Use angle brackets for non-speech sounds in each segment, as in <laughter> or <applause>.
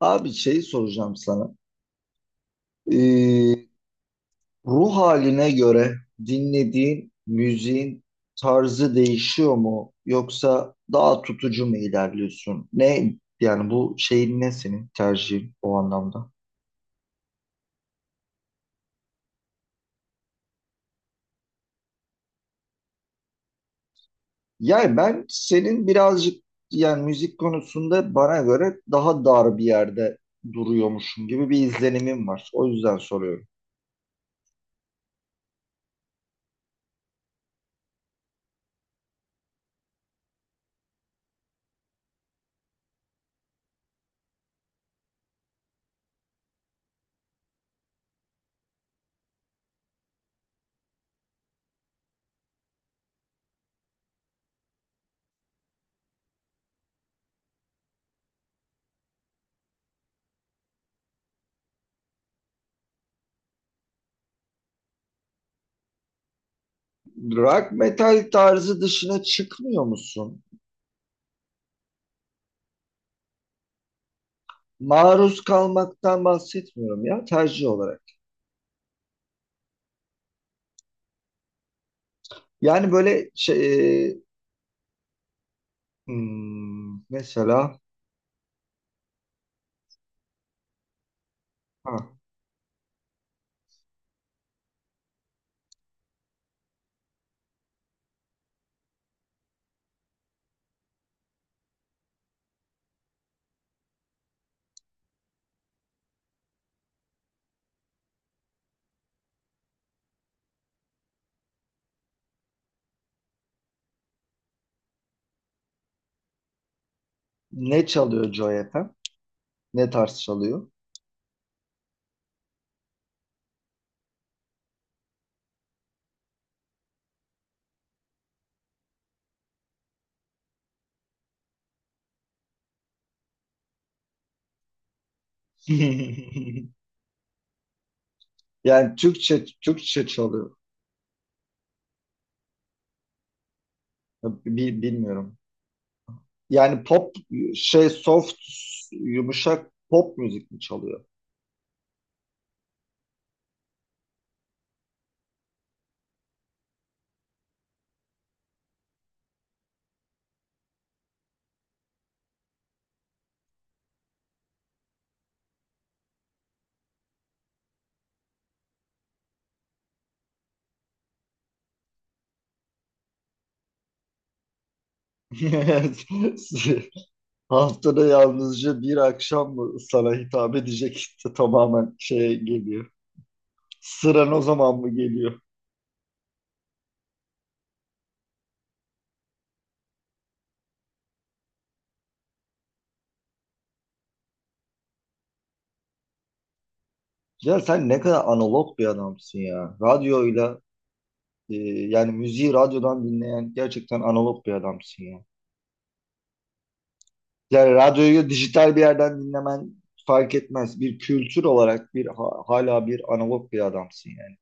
Abi şeyi soracağım sana. Ee, Ruh haline göre dinlediğin müziğin tarzı değişiyor mu? Yoksa daha tutucu mu ilerliyorsun? Yani bu şeyin ne senin tercihin o anlamda? Yani ben senin birazcık yani müzik konusunda bana göre daha dar bir yerde duruyormuşum gibi bir izlenimim var. O yüzden soruyorum. Rock metal tarzı dışına çıkmıyor musun? Maruz kalmaktan bahsetmiyorum ya, tercih olarak. Yani böyle şey mesela. Ha, ne çalıyor Joy FM? Ne tarz çalıyor? <laughs> Yani Türkçe çalıyor. Bilmiyorum. Yani pop, şey, soft, yumuşak pop müzik mi çalıyor? <laughs> Haftada yalnızca bir akşam mı sana hitap edecek <laughs> işte tamamen şeye geliyor. Sıran o zaman mı geliyor? Ya sen ne kadar analog bir adamsın ya. Radyoyla e, yani müziği radyodan dinleyen gerçekten analog bir adamsın ya. Yani radyoyu dijital bir yerden dinlemen fark etmez. Bir kültür olarak hala bir analog bir adamsın yani.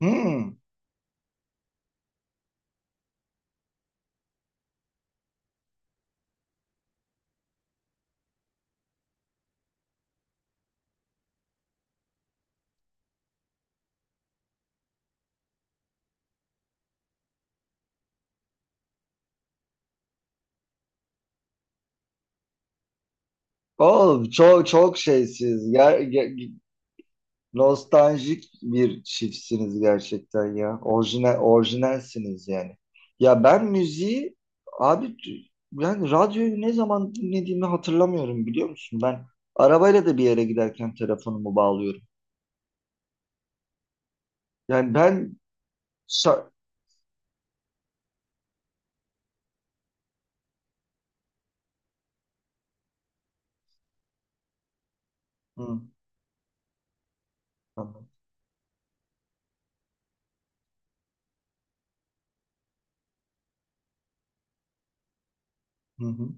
Hmm. Oğlum çok şeysiz. Ya, nostaljik bir çiftsiniz gerçekten ya. Orijinal, orijinalsiniz yani. Ya ben müziği abi, ben radyoyu ne zaman dinlediğimi hatırlamıyorum biliyor musun? Ben arabayla da bir yere giderken telefonumu bağlıyorum. Yani ben şa- hı, tamam. Hı hı.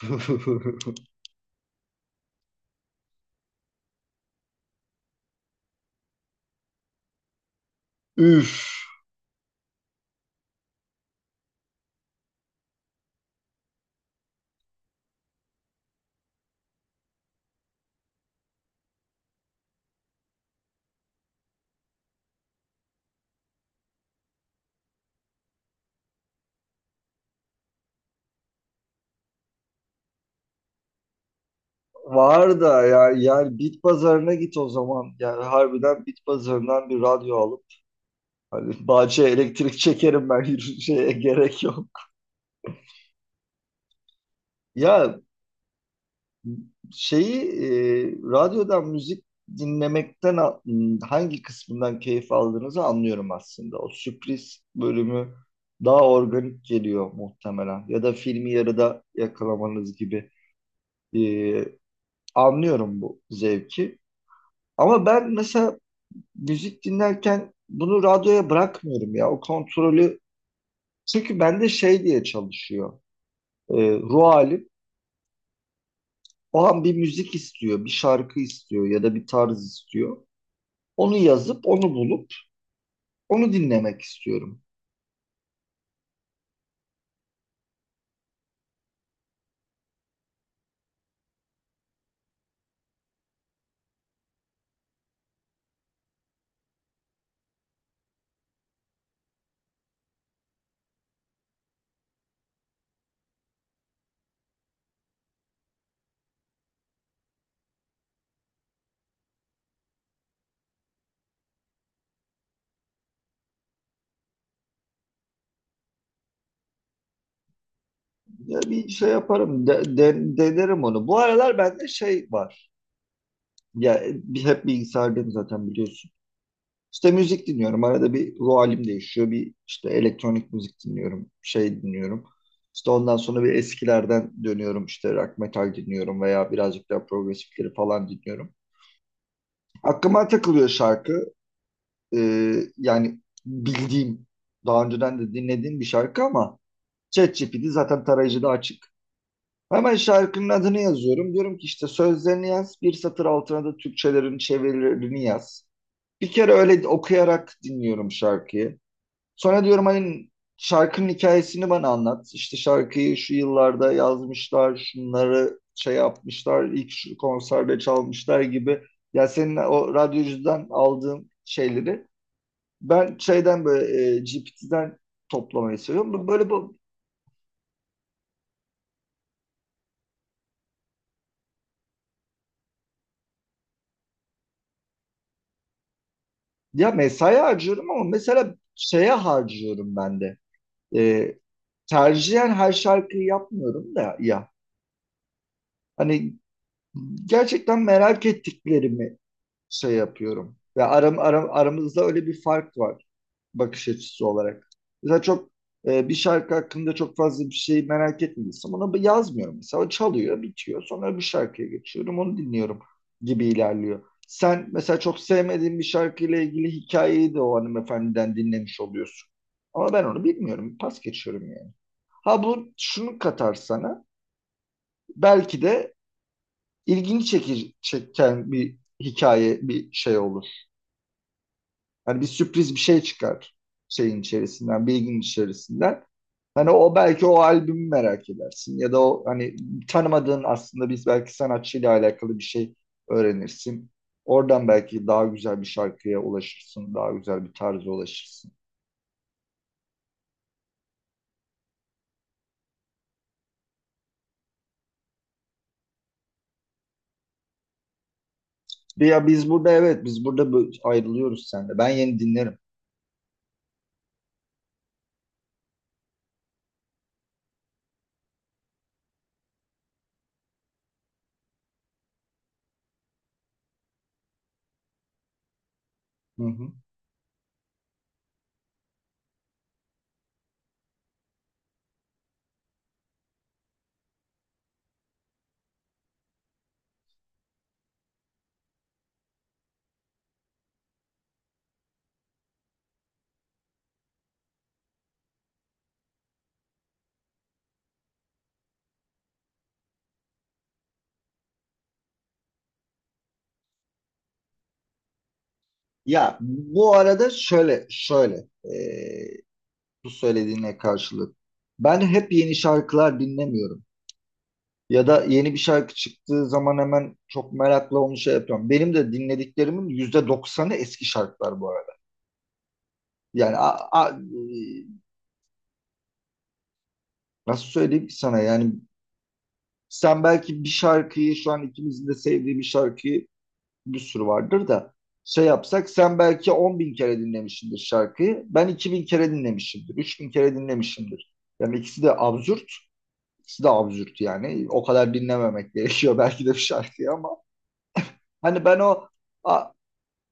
<laughs> Üf, var da ya, yani bit pazarına git o zaman. Yani harbiden bit pazarından bir radyo alıp hani bahçeye elektrik çekerim ben, <laughs> yürüyüşe gerek yok. Ya şeyi, radyodan müzik dinlemekten a- hangi kısmından keyif aldığınızı anlıyorum aslında. O sürpriz bölümü daha organik geliyor muhtemelen. Ya da filmi yarıda yakalamanız gibi. E, Anlıyorum bu zevki. Ama ben mesela müzik dinlerken bunu radyoya bırakmıyorum ya. O kontrolü, çünkü bende şey diye çalışıyor. E, Ruh halim. O an bir müzik istiyor, bir şarkı istiyor ya da bir tarz istiyor. Onu yazıp onu bulup onu dinlemek istiyorum. Ya bir şey yaparım, denerim onu. Bu aralar bende şey var. Ya bir, hep bilgisayardayım zaten biliyorsun. İşte müzik dinliyorum. Arada bir ruh halim değişiyor. Bir işte elektronik müzik dinliyorum. Şey dinliyorum. İşte ondan sonra bir eskilerden dönüyorum. İşte rock metal dinliyorum veya birazcık daha progresifleri falan dinliyorum. Aklıma takılıyor şarkı. Yani bildiğim, daha önceden de dinlediğim bir şarkı ama ChatGPT zaten tarayıcıda açık. Hemen şarkının adını yazıyorum. Diyorum ki işte sözlerini yaz. Bir satır altına da Türkçelerin çevirilerini yaz. Bir kere öyle okuyarak dinliyorum şarkıyı. Sonra diyorum hani şarkının hikayesini bana anlat. İşte şarkıyı şu yıllarda yazmışlar, şunları şey yapmışlar, ilk şu konserde çalmışlar gibi. Ya senin o radyocudan aldığın şeyleri ben şeyden böyle GPT'den toplamayı seviyorum. Böyle bu, ya mesai harcıyorum ama mesela şeye harcıyorum ben de. Ee, Tercihen her şarkıyı yapmıyorum da ya. Hani gerçekten merak ettiklerimi şey yapıyorum. Ve aram, aram, aramızda öyle bir fark var bakış açısı olarak. Mesela çok bir şarkı hakkında çok fazla bir şey merak etmiyorsam ona yazmıyorum mesela. O çalıyor, bitiyor. Sonra bu şarkıya geçiyorum, onu dinliyorum gibi ilerliyor. Sen mesela çok sevmediğin bir şarkıyla ilgili hikayeyi de o hanımefendiden dinlemiş oluyorsun. Ama ben onu bilmiyorum. Pas geçiyorum yani. Ha, bu şunu katar sana. Belki de ilgini çeken bir hikaye, bir şey olur. Hani bir sürpriz bir şey çıkar şeyin içerisinden, bilginin içerisinden. Hani o belki o albümü merak edersin ya da o hani tanımadığın aslında biz belki sanatçıyla alakalı bir şey öğrenirsin. Oradan belki daha güzel bir şarkıya ulaşırsın, daha güzel bir tarza ulaşırsın. Ya biz burada evet, biz burada ayrılıyoruz seninle. Ben yeni dinlerim. Hı hı. Ya bu arada şöyle bu söylediğine karşılık ben hep yeni şarkılar dinlemiyorum. Ya da yeni bir şarkı çıktığı zaman hemen çok merakla onu şey yapıyorum. Benim de dinlediklerimin %90'ı eski şarkılar bu arada. Yani nasıl söyleyeyim ki sana, yani sen belki bir şarkıyı, şu an ikimizin de sevdiği bir şarkıyı, bir sürü vardır da şey yapsak, sen belki 10 bin kere dinlemişsindir şarkıyı. Ben 2000 kere dinlemişimdir. 3000 kere dinlemişimdir. Yani ikisi de absürt. İkisi de absürt yani. O kadar dinlememek gerekiyor belki de bir şarkıyı ama hani ben o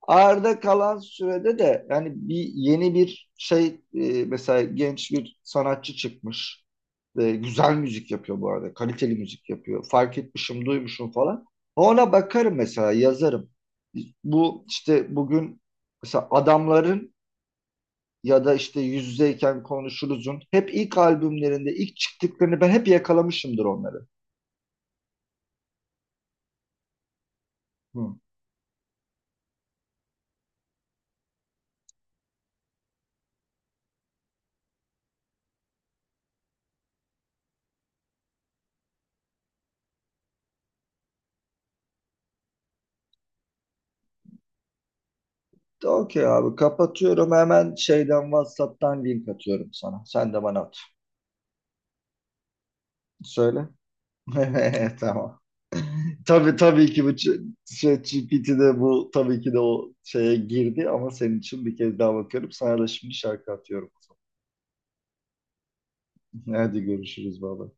arda kalan sürede de yani bir yeni bir şey, mesela genç bir sanatçı çıkmış. E, güzel müzik yapıyor bu arada. Kaliteli müzik yapıyor. Fark etmişim, duymuşum falan. Ona bakarım mesela, yazarım. Bu işte bugün mesela adamların ya da işte yüz yüzeyken konuşuruzun hep ilk albümlerinde ilk çıktıklarını ben hep yakalamışımdır onları. Hı. De okey abi, kapatıyorum, hemen şeyden WhatsApp'tan link atıyorum sana. Sen de bana at. Söyle. <laughs> Evet, tamam. Tabii tabii ki bu şey GPT'de bu tabii ki de o şeye girdi ama senin için bir kez daha bakıyorum. Sana da şimdi şarkı atıyorum. <laughs> Hadi görüşürüz baba.